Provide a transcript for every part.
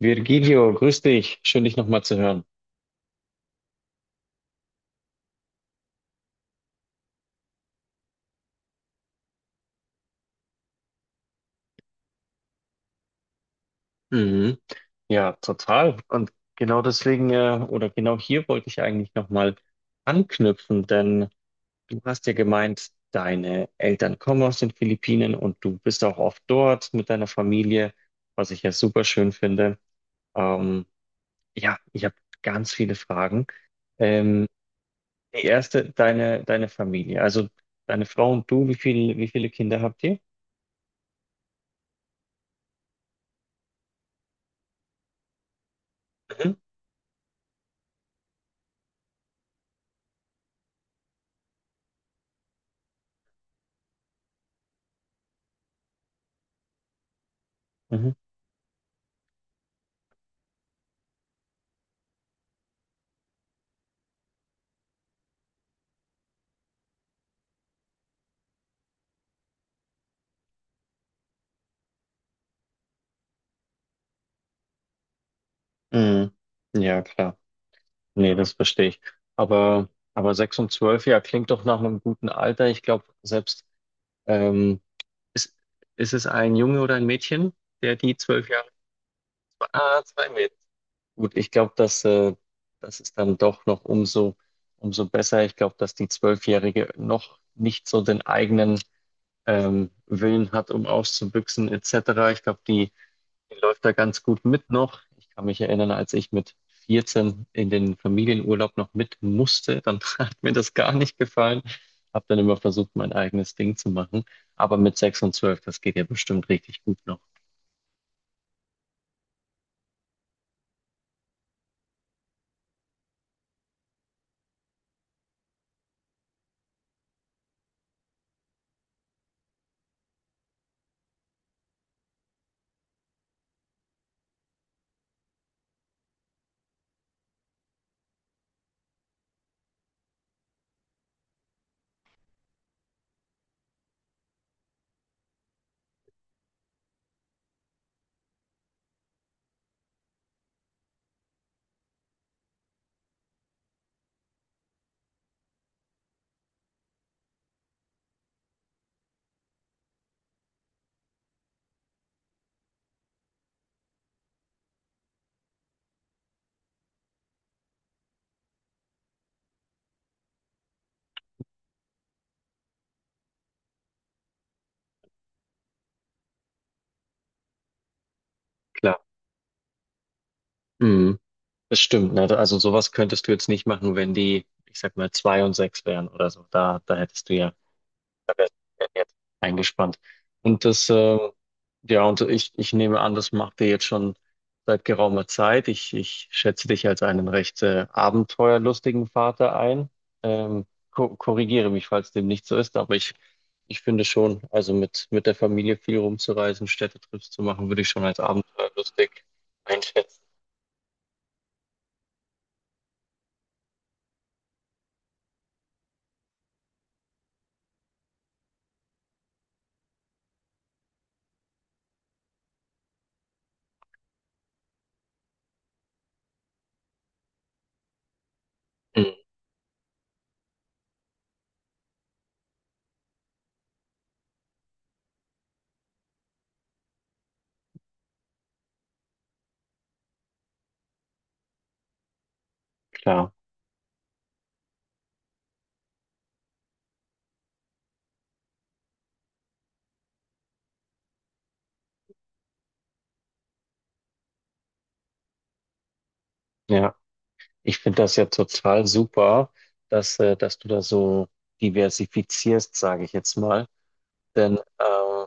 Virgilio, grüß dich. Schön, dich nochmal zu hören. Mhm. Ja, total. Und genau deswegen, oder genau hier wollte ich eigentlich nochmal anknüpfen, denn du hast ja gemeint, deine Eltern kommen aus den Philippinen und du bist auch oft dort mit deiner Familie, was ich ja super schön finde. Ähm, ja, ich habe ganz viele Fragen. Ähm, die erste, deine Familie, also deine Frau und du, wie viele Kinder habt ihr? Mhm. Mhm. Mhm. Ja, klar. Nee, das verstehe ich. Aber, aber sechs und zwölf, ja, klingt doch nach einem guten Alter. Ich glaube, selbst, ähm, ist, ist es ein Junge oder ein Mädchen, der die zwölf Jahre, ah, zwei Mädchen. Gut, ich glaube, dass das ist dann doch noch umso, umso besser. Ich glaube, dass die Zwölfjährige noch nicht so den eigenen, Willen hat, um auszubüchsen, etc. Ich glaube, die läuft da ganz gut mit noch. Ich kann mich erinnern, als ich mit 14 in den Familienurlaub noch mit musste, dann hat mir das gar nicht gefallen. Habe dann immer versucht, mein eigenes Ding zu machen. Aber mit 6 und 12, das geht ja bestimmt richtig gut noch. Klar. Mhm. Das stimmt, ne? Also sowas könntest du jetzt nicht machen, wenn die, ich sag mal, 2 und 6 wären oder so. Da hättest du ja. Da wärst du jetzt eingespannt. Und ja, und ich nehme an, das macht ihr jetzt schon seit geraumer Zeit. Ich schätze dich als einen recht abenteuerlustigen Vater ein. Ähm, ko korrigiere mich, falls dem nicht so ist, aber ich finde schon, also mit der Familie viel rumzureisen, Städtetrips zu machen, würde ich schon als abenteuerlustig einschätzen. Mhm, klar, ja. Ich finde das ja total super, dass du da so diversifizierst, sage ich jetzt mal. Denn,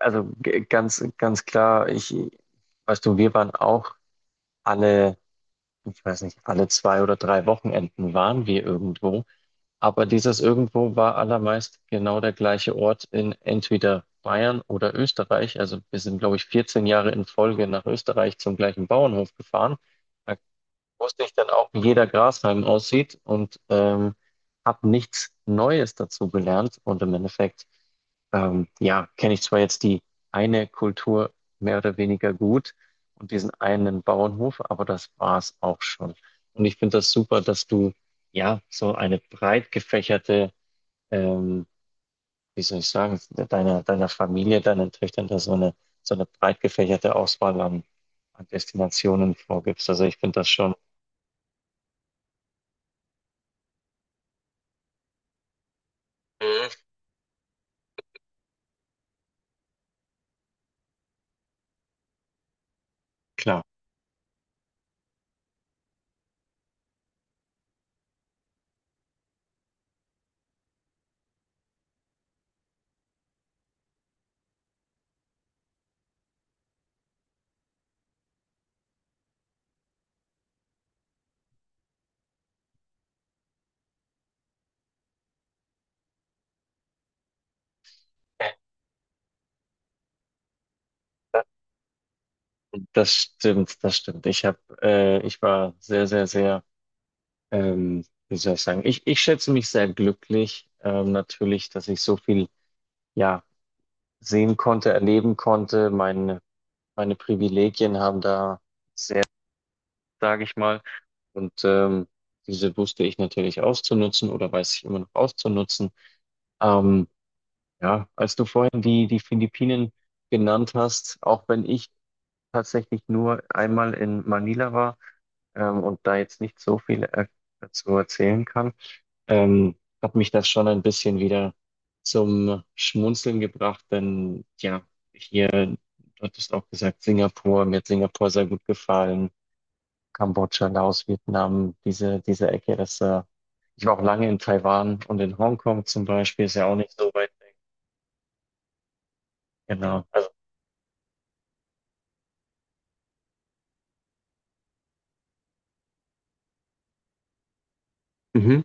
also ganz klar, ich, weißt du, wir waren auch alle, ich weiß nicht, alle zwei oder drei Wochenenden waren wir irgendwo. Aber dieses irgendwo war allermeist genau der gleiche Ort in entweder Bayern oder Österreich. Also wir sind, glaube ich, 14 Jahre in Folge nach Österreich zum gleichen Bauernhof gefahren. Da wusste ich dann auch, wie jeder Grashalm aussieht und habe nichts Neues dazu gelernt. Und im Endeffekt, ja, kenne ich zwar jetzt die eine Kultur mehr oder weniger gut und diesen einen Bauernhof, aber das war's auch schon. Und ich finde das super, dass du ja so eine breit gefächerte, ähm, wie soll ich sagen, deiner Familie, deinen Töchtern da so eine breit gefächerte Auswahl an Destinationen vorgibst. Also ich finde das schon. Mhm. Klar. Das stimmt, das stimmt. Ich war sehr, sehr, sehr, wie soll ich sagen, ich schätze mich sehr glücklich, natürlich, dass ich so viel, ja, sehen konnte, erleben konnte. Meine Privilegien haben da, sage ich mal, und diese wusste ich natürlich auszunutzen oder weiß ich immer noch auszunutzen. Ähm, ja, als du vorhin die Philippinen genannt hast, auch wenn ich tatsächlich nur einmal in Manila war und da jetzt nicht so viel er dazu erzählen kann, ähm, hat mich das schon ein bisschen wieder zum Schmunzeln gebracht, denn ja, hier, du hattest auch gesagt, Singapur, mir hat Singapur sehr gut gefallen, Kambodscha, Laos, Vietnam, diese Ecke, ich war auch lange in Taiwan und in Hongkong zum Beispiel, ist ja auch nicht so weit weg. Genau. Also, mhm.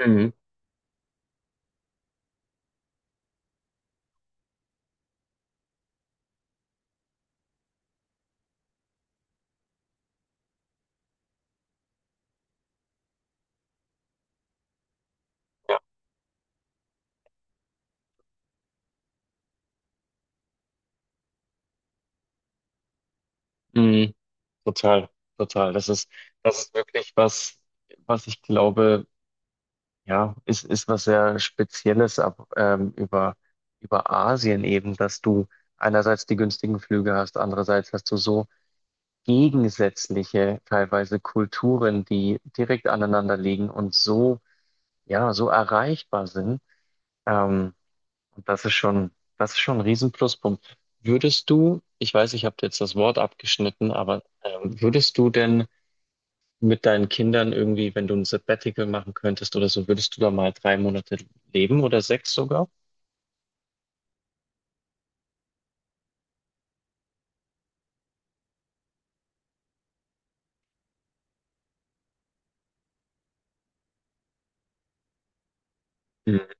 Mhm. Ja. Total, total. Das ist wirklich was, was ich glaube, ja, ist was sehr Spezielles über Asien eben, dass du einerseits die günstigen Flüge hast, andererseits hast du so gegensätzliche teilweise Kulturen, die direkt aneinander liegen und so, ja, so erreichbar sind. Ähm, und das ist schon ein riesen Pluspunkt. Würdest du, ich weiß, ich habe jetzt das Wort abgeschnitten, aber würdest du denn mit deinen Kindern irgendwie, wenn du ein Sabbatical machen könntest oder so, würdest du da mal 3 Monate leben oder sechs sogar? Mhm.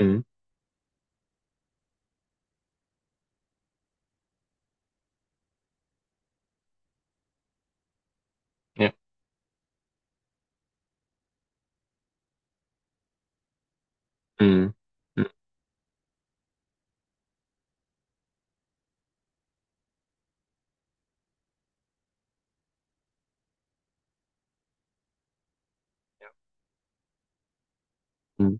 Mhm. Ja. Mhm. Mhm.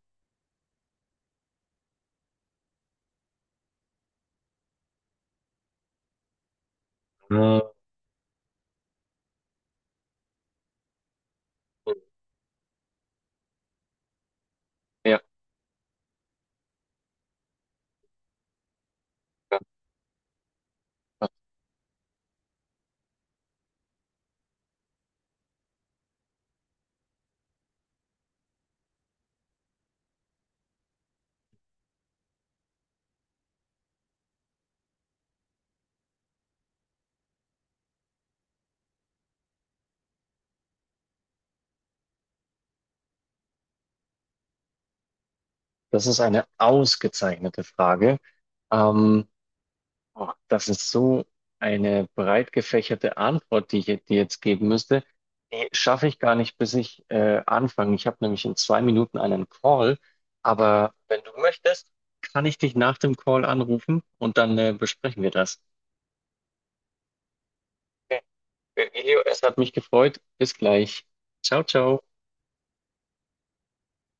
Äh, ja, das ist eine ausgezeichnete Frage. Ähm, Oh, das ist so eine breit gefächerte Antwort, die ich dir jetzt geben müsste. Die schaffe ich gar nicht, bis ich anfange. Ich habe nämlich in 2 Minuten einen Call, aber wenn du möchtest, kann ich dich nach dem Call anrufen und dann besprechen wir das. Okay. Elio, es hat mich gefreut. Bis gleich. Ciao, ciao.